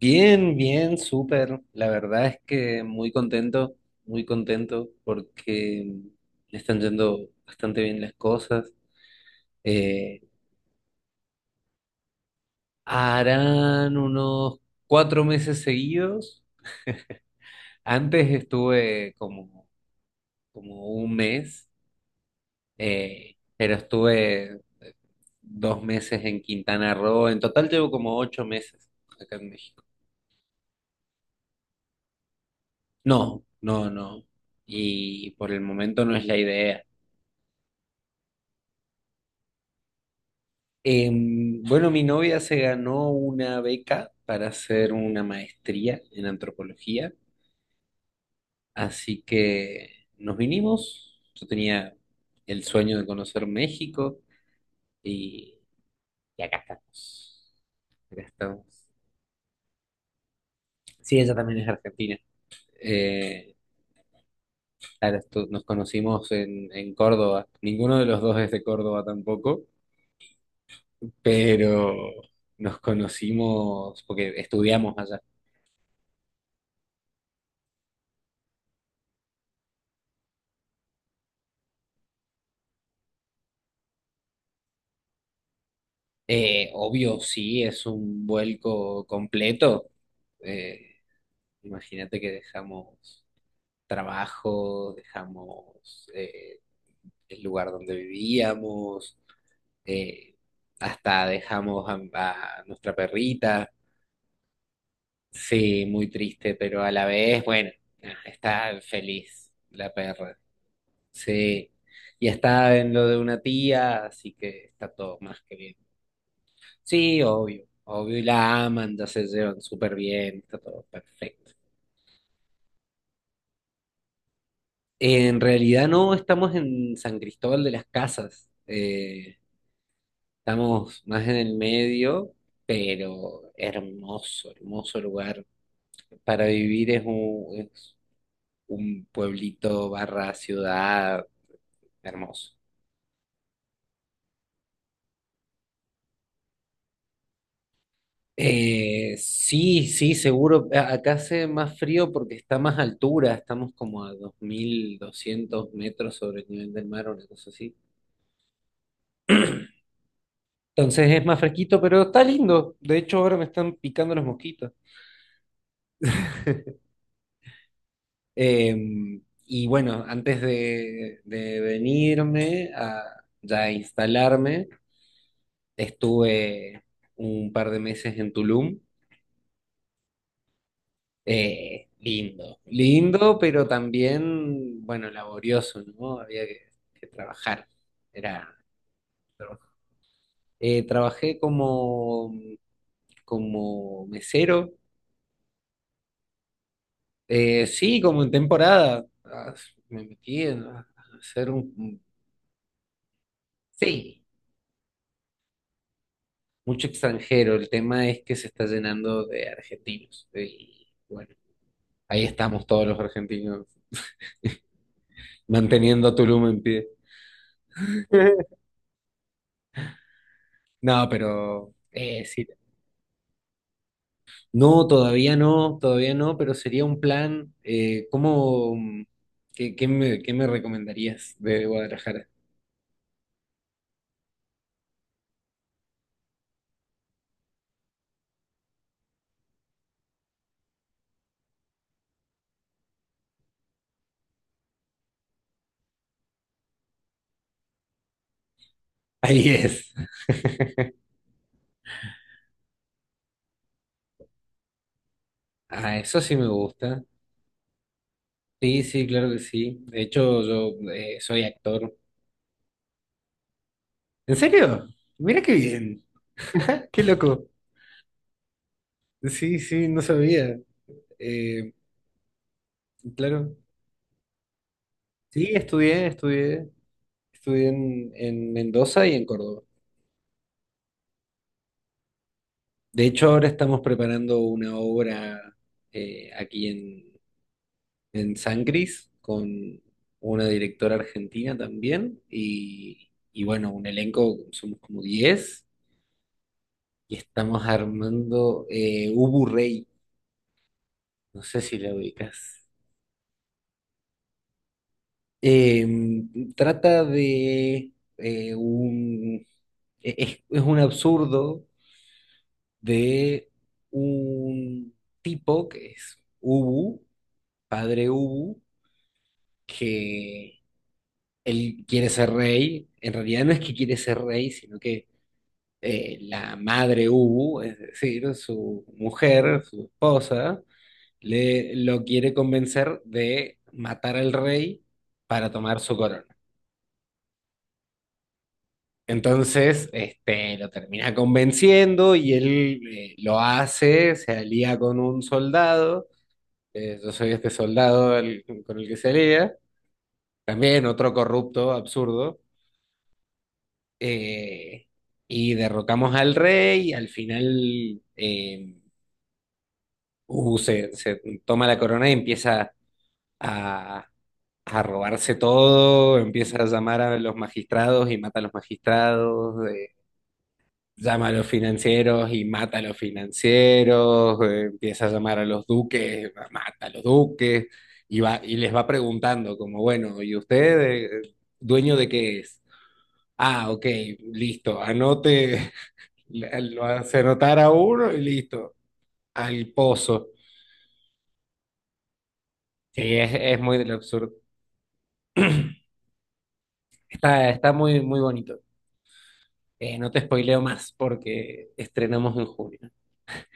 Bien, bien, súper. La verdad es que muy contento porque le están yendo bastante bien las cosas. Eh, harán unos 4 meses seguidos. Antes estuve como un mes, pero estuve 2 meses en Quintana Roo. En total llevo como 8 meses acá en México. No, no, no. Y por el momento no es la idea. Bueno, mi novia se ganó una beca para hacer una maestría en antropología, así que nos vinimos. Yo tenía el sueño de conocer México y, y acá estamos. Acá estamos. Sí, ella también es argentina. Eh, claro, nos conocimos en Córdoba. Ninguno de los dos es de Córdoba tampoco, pero nos conocimos porque estudiamos allá. Obvio, sí, es un vuelco completo. Eh, imagínate que dejamos trabajo, dejamos el lugar donde vivíamos, eh, hasta dejamos a nuestra perrita. Sí, muy triste, pero a la vez, bueno, está feliz la perra. Sí, y está en lo de una tía, así que está todo más que bien. Sí, obvio, obvio, y la aman, ya se llevan súper bien, está todo perfecto. En realidad no estamos en San Cristóbal de las Casas, estamos más en el medio, pero hermoso, hermoso lugar. Para vivir es un pueblito barra ciudad hermoso. Sí, sí, seguro. Acá hace más frío porque está más altura, estamos como a 2.200 metros sobre el nivel del mar, una cosa así. Entonces es más fresquito, pero está lindo. De hecho, ahora me están picando las mosquitas. Eh, y bueno, antes de venirme a ya instalarme, estuve un par de meses en Tulum. Lindo, lindo, pero también, bueno, laborioso, ¿no? Había que trabajar. Era, trabajé como mesero. Sí, como en temporada, ah, me metí a hacer un, sí, mucho extranjero. El tema es que se está llenando de argentinos. Y bueno, ahí estamos todos los argentinos manteniendo a Tulum en pie. No, pero sí. No, todavía no, todavía no, pero sería un plan. ¿Cómo, qué, qué me recomendarías de Guadalajara? Ahí es. Ah, eso sí me gusta. Sí, sí, claro que sí. De hecho, yo soy actor. ¿En serio? Mira qué bien. Qué loco. Sí, sí, no sabía. Eh, claro. Sí, estudié, estudié. Estudié en Mendoza y en Córdoba. De hecho, ahora estamos preparando una obra aquí en San Cris con una directora argentina también y bueno, un elenco, somos como 10 y estamos armando Ubu Rey. No sé si la ubicas. Em, trata de un... e- es un absurdo de un tipo que es Ubu, padre Ubu, que él quiere ser rey. En realidad no es que quiere ser rey, sino que la madre Ubu, es decir, su mujer, su esposa, le, lo quiere convencer de matar al rey para tomar su corona. Entonces, este, lo termina convenciendo y él lo hace, se alía con un soldado, yo soy este soldado con el que se alía, también otro corrupto, absurdo, eh, y derrocamos al rey, y al final Hugo se toma la corona y empieza a, a robarse todo, empieza a llamar a los magistrados y mata a los magistrados. Llama a los financieros y mata a los financieros, empieza a llamar a los duques, mata a los duques, y va, y les va preguntando como, bueno, ¿y usted, dueño de qué es? Ah, ok, listo, anote, lo hace anotar a uno y listo, al pozo. Sí, es muy del absurdo. Está muy, muy bonito. No te spoileo más porque estrenamos en junio.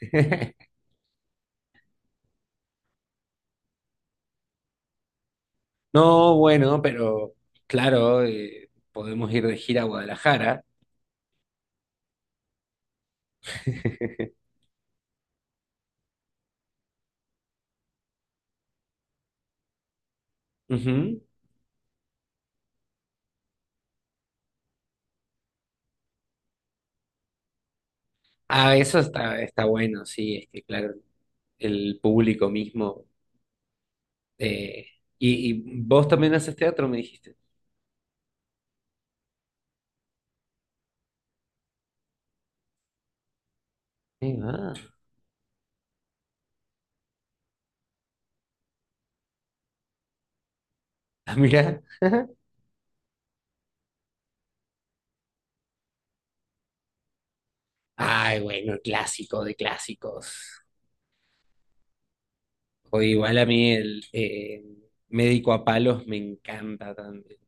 No, bueno, pero claro, podemos ir de gira a Guadalajara. Ujú. Ah, eso está bueno, sí, es que claro, el público mismo. eh, y, y vos también haces teatro, me dijiste. Ah, ah, mira. Ay, bueno, el clásico de clásicos. O igual a mí el médico a palos me encanta también.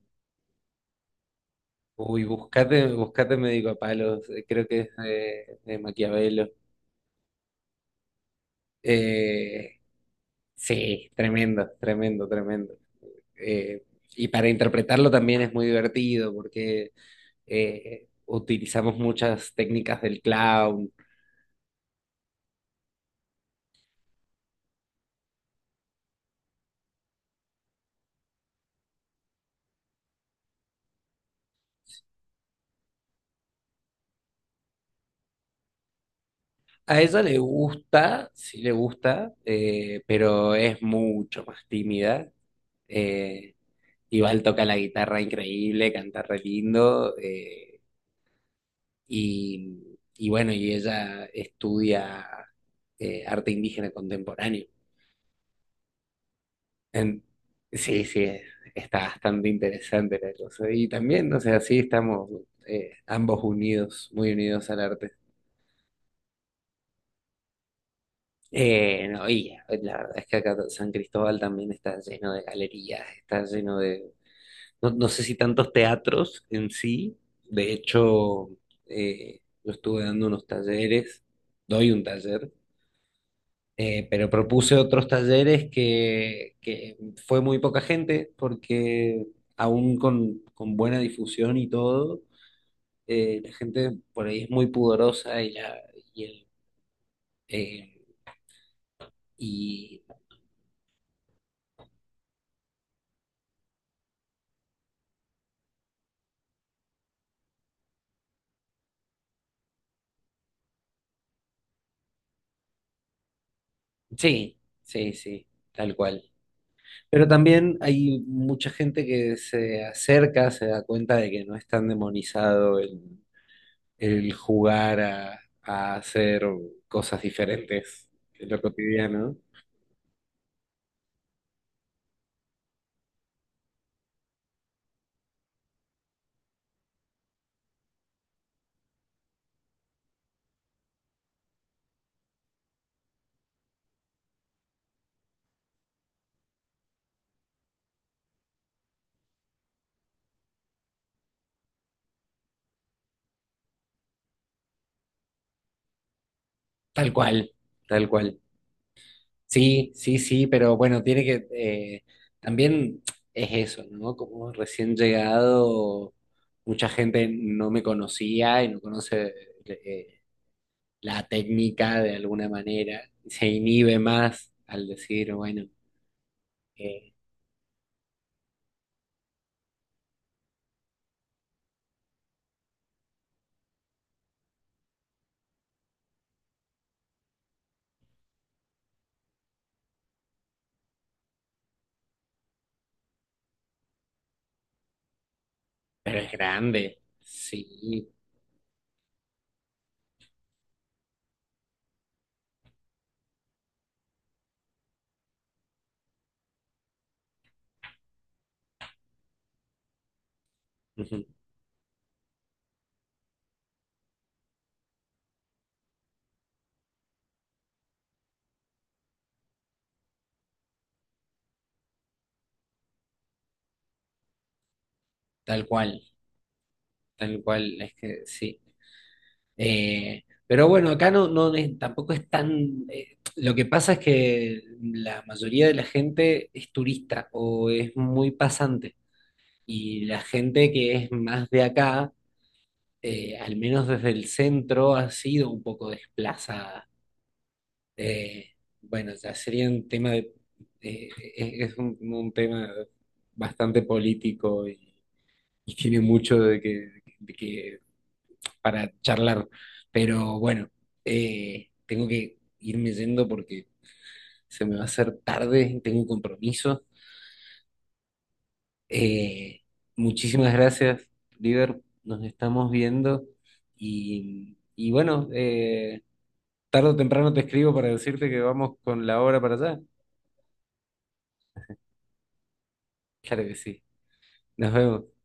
Uy, buscate, buscate médico a palos, creo que es de Maquiavelo. Eh, Sí tremendo, tremendo, tremendo. Eh, y para interpretarlo también es muy divertido porque utilizamos muchas técnicas del clown. A ella le gusta, sí le gusta, pero es mucho más tímida. Eh, igual toca la guitarra increíble, canta re lindo. Y bueno, y ella estudia arte indígena contemporáneo. En- sí, sí, está bastante interesante la cosa. Y también, no sé, así estamos ambos unidos, muy unidos al arte. No, y la verdad es que acá San Cristóbal también está lleno de galerías, está lleno de, no, no sé si tantos teatros en sí. De hecho, yo estuve dando unos talleres, doy un taller. Pero propuse otros talleres que fue muy poca gente porque aún con buena difusión y todo, la gente por ahí es muy pudorosa y, el, eh, y sí, sí, sí, tal cual. Pero también hay mucha gente que se acerca, se da cuenta de que no es tan demonizado el jugar a hacer cosas diferentes en lo cotidiano. Tal cual, tal cual. Sí, sí, sí, pero bueno, tiene que, también es eso, ¿no? Como recién llegado, mucha gente no me conocía y no conoce eh, la técnica de alguna manera, se inhibe más al decir, bueno, eh, pero es grande, sí, ujú, tal cual, tal cual, es que sí. Pero bueno, acá no, no tampoco es tan. Lo que pasa es que la mayoría de la gente es turista o es muy pasante. Y la gente que es más de acá, al menos desde el centro, ha sido un poco desplazada. Eh, bueno, ya sería un tema de. eh, es un tema bastante político y tiene mucho de que, para charlar. Pero bueno, tengo que irme yendo porque se me va a hacer tarde, tengo un compromiso. Eh, muchísimas gracias, Liber. Nos estamos viendo y bueno, tarde o temprano te escribo para decirte que vamos con la hora para allá. Claro que sí. Nos vemos.